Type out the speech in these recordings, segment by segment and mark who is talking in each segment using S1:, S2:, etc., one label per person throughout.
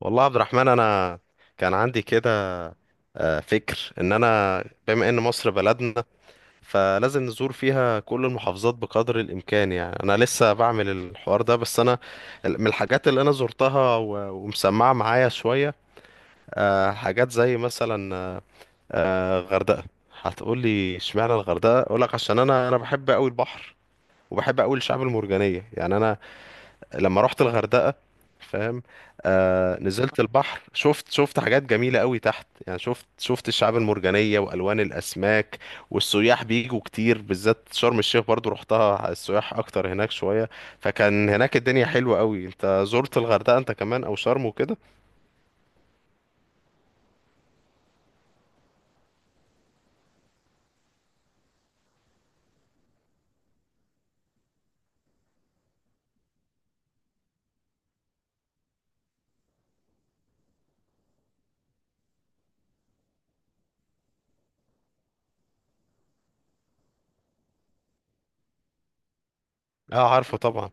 S1: والله يا عبد الرحمن، انا كان عندي كده فكر ان انا بما ان مصر بلدنا، فلازم نزور فيها كل المحافظات بقدر الامكان. يعني انا لسه بعمل الحوار ده، بس انا من الحاجات اللي انا زرتها ومسمعه معايا شويه، حاجات زي مثلا غردقه. هتقولي اشمعنى الغردقه؟ اقولك عشان انا بحب قوي البحر، وبحب قوي الشعب المرجانيه. يعني انا لما رحت الغردقة، فاهم؟ آه، نزلت البحر، شفت حاجات جميلة قوي تحت. يعني شفت الشعاب المرجانية والوان الاسماك والسياح بيجوا كتير. بالذات شرم الشيخ برضو رحتها، السياح اكتر هناك شوية، فكان هناك الدنيا حلوة قوي. انت زرت الغردقة انت كمان او شرم وكده؟ اه عارفه طبعا.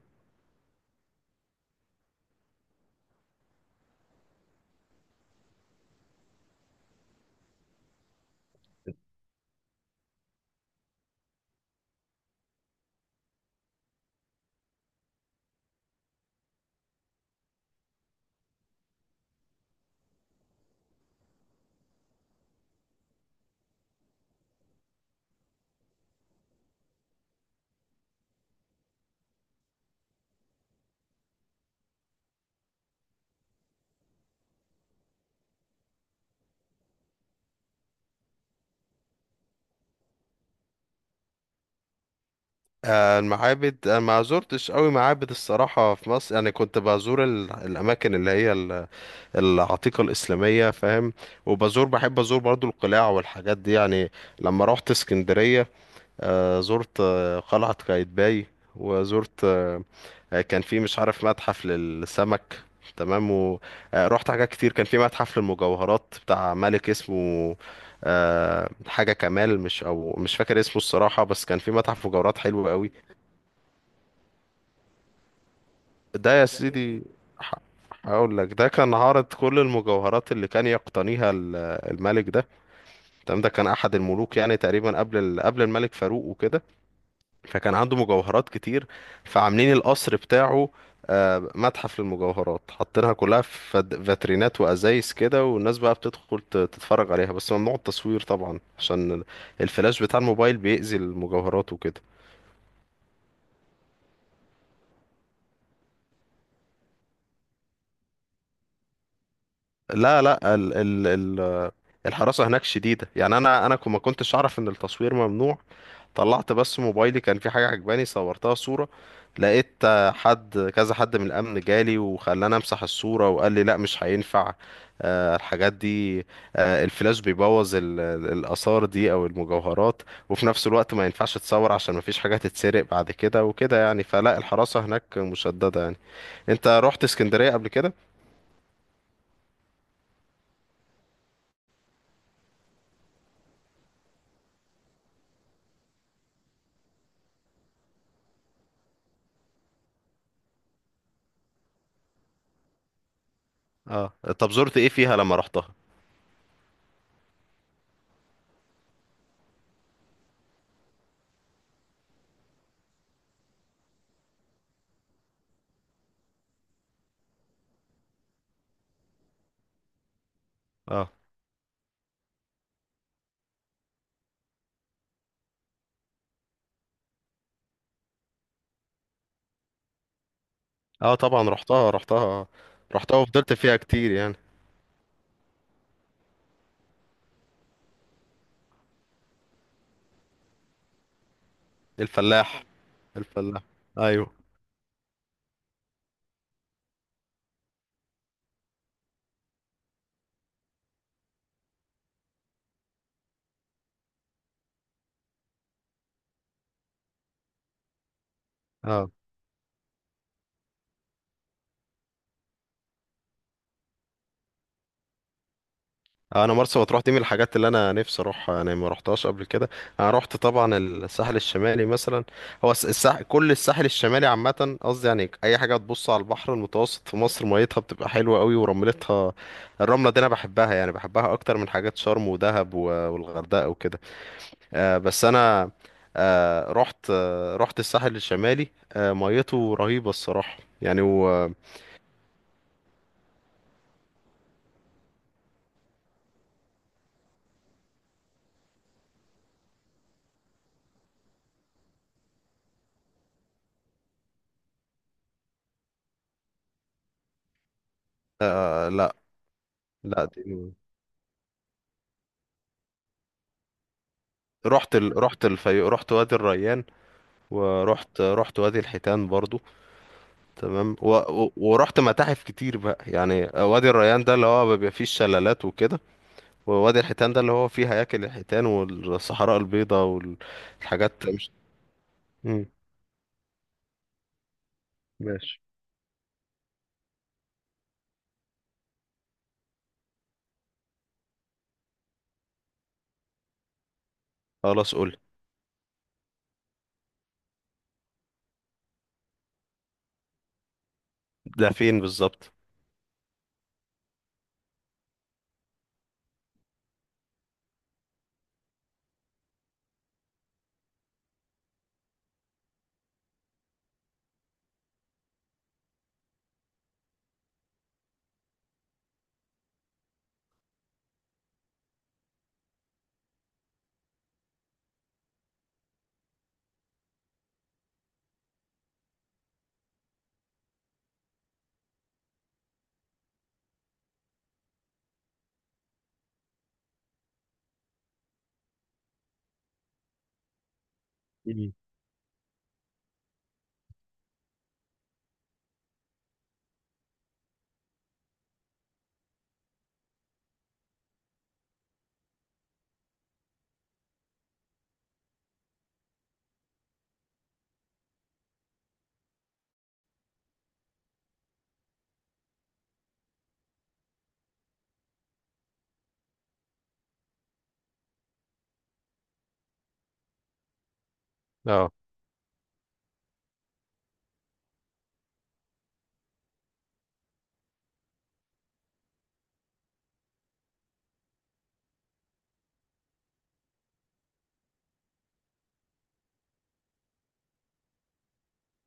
S1: المعابد انا ما زرتش قوي معابد الصراحه في مصر. يعني كنت بزور الاماكن اللي هي العتيقة الإسلامية، فاهم؟ وبزور، بحب أزور برضو القلاع والحاجات دي. يعني لما روحت اسكندرية، زرت قلعة قايتباي، وزرت كان في مش عارف متحف للسمك، تمام؟ ورحت حاجات كتير. كان في متحف للمجوهرات بتاع ملك اسمه حاجة كمال، مش أو مش فاكر اسمه الصراحة، بس كان في متحف مجوهرات حلو قوي. ده يا سيدي، ح- هقول لك. ده كان عارض كل المجوهرات اللي كان يقتنيها الملك ده، تمام؟ ده كان احد الملوك يعني تقريبا قبل قبل الملك فاروق وكده، فكان عنده مجوهرات كتير. فعاملين القصر بتاعه متحف للمجوهرات، حاطينها كلها في فاترينات وازايز كده، والناس بقى بتدخل تتفرج عليها. بس ممنوع التصوير طبعا عشان الفلاش بتاع الموبايل بيأذي المجوهرات وكده. لا ال ال ال الحراسة هناك شديدة. يعني انا ما كنتش اعرف ان التصوير ممنوع، طلعت بس موبايلي، كان في حاجة عجباني صورتها صورة. لقيت حد كذا، حد من الأمن جالي وخلاني أمسح الصورة وقال لي لا مش هينفع الحاجات دي. الفلاش بيبوظ الآثار دي أو المجوهرات، وفي نفس الوقت ما ينفعش تصور عشان ما فيش حاجة تتسرق بعد كده وكده. يعني فلا، الحراسة هناك مشددة يعني. أنت رحت اسكندرية قبل كده؟ اه. طب زرت ايه فيها لما رحتها؟ اه. اه طبعا، رحتها رحتها، رحتها وفضلت فيها كتير يعني. الفلاح. الفلاح. ايوه. اه، انا مرسى مطروح دي من الحاجات اللي انا نفسي اروحها، يعني ما رحتهاش قبل كده. انا رحت طبعا الساحل الشمالي مثلا. هو كل الساحل الشمالي عامه قصدي. يعني اي حاجه تبص على البحر المتوسط في مصر، ميتها بتبقى حلوه قوي، ورملتها الرمله دي انا بحبها. يعني بحبها اكتر من حاجات شرم ودهب والغردقه وكده. آه بس انا، آه رحت، آه رحت الساحل الشمالي، آه ميته رهيبه الصراحه يعني و… آه. آه، لا. لا دي، رحت رحت رحت وادي الريان، ورحت، رحت وادي الحيتان برضو، تمام. و… و… ورحت متاحف كتير بقى. يعني وادي الريان ده اللي هو بيبقى فيه الشلالات وكده، ووادي الحيتان ده اللي هو فيه هياكل الحيتان والصحراء البيضاء والحاجات مش… مم. ماشي. خلاص قول. ده فين بالظبط؟ مم. اه،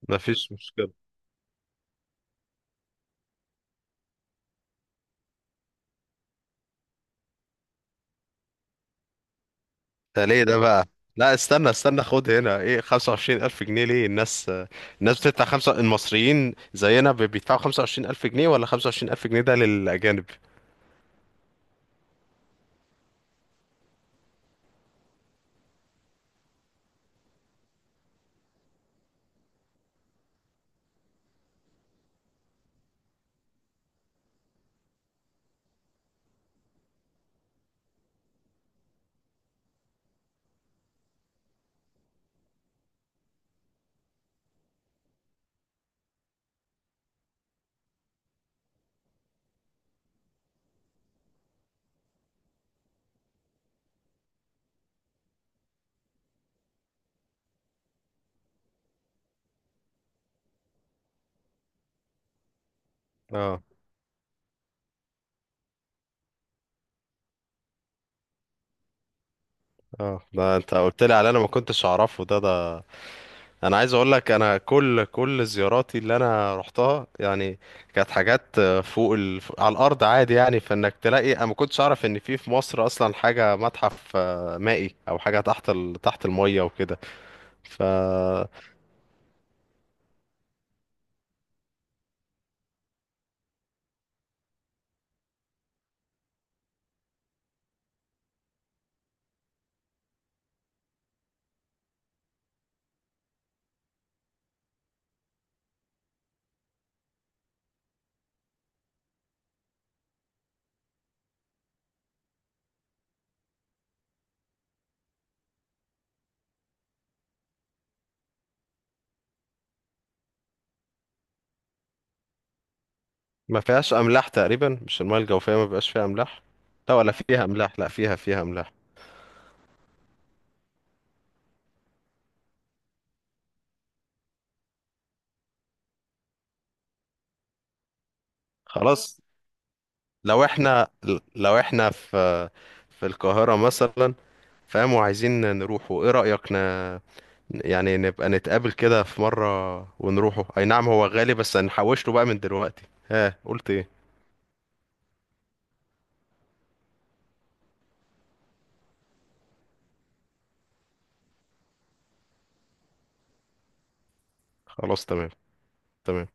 S1: مفيش مشكلة. ده ليه ده بقى؟ لا استنى استنى، خد هنا ايه، 25000 جنيه ليه؟ الناس، الناس بتدفع خمسة، المصريين زينا بيدفعوا 25000 جنيه، ولا 25000 جنيه ده للأجانب؟ اه. اه ده انت قلت لي على، انا ما كنتش اعرفه ده. ده انا عايز اقول لك، انا كل زياراتي اللي انا رحتها يعني كانت حاجات فوق على الارض عادي. يعني فانك تلاقي انا ما كنتش اعرف ان في مصر اصلا حاجه متحف مائي او حاجه تحت تحت الميه وكده. ف… ما فيهاش املاح تقريبا، مش المايه الجوفيه ما بيبقاش فيها املاح؟ لا ولا فيها املاح، لا فيها، فيها املاح. خلاص. لو احنا لو احنا في القاهره مثلا، فاهم، وعايزين نروحوا، ايه رأيك ن…؟ يعني نبقى نتقابل كده في مرة ونروحوا؟ اي نعم هو غالي، بس هنحوش له بقى من دلوقتي. ها قلت ايه؟ خلاص تمام. تمام.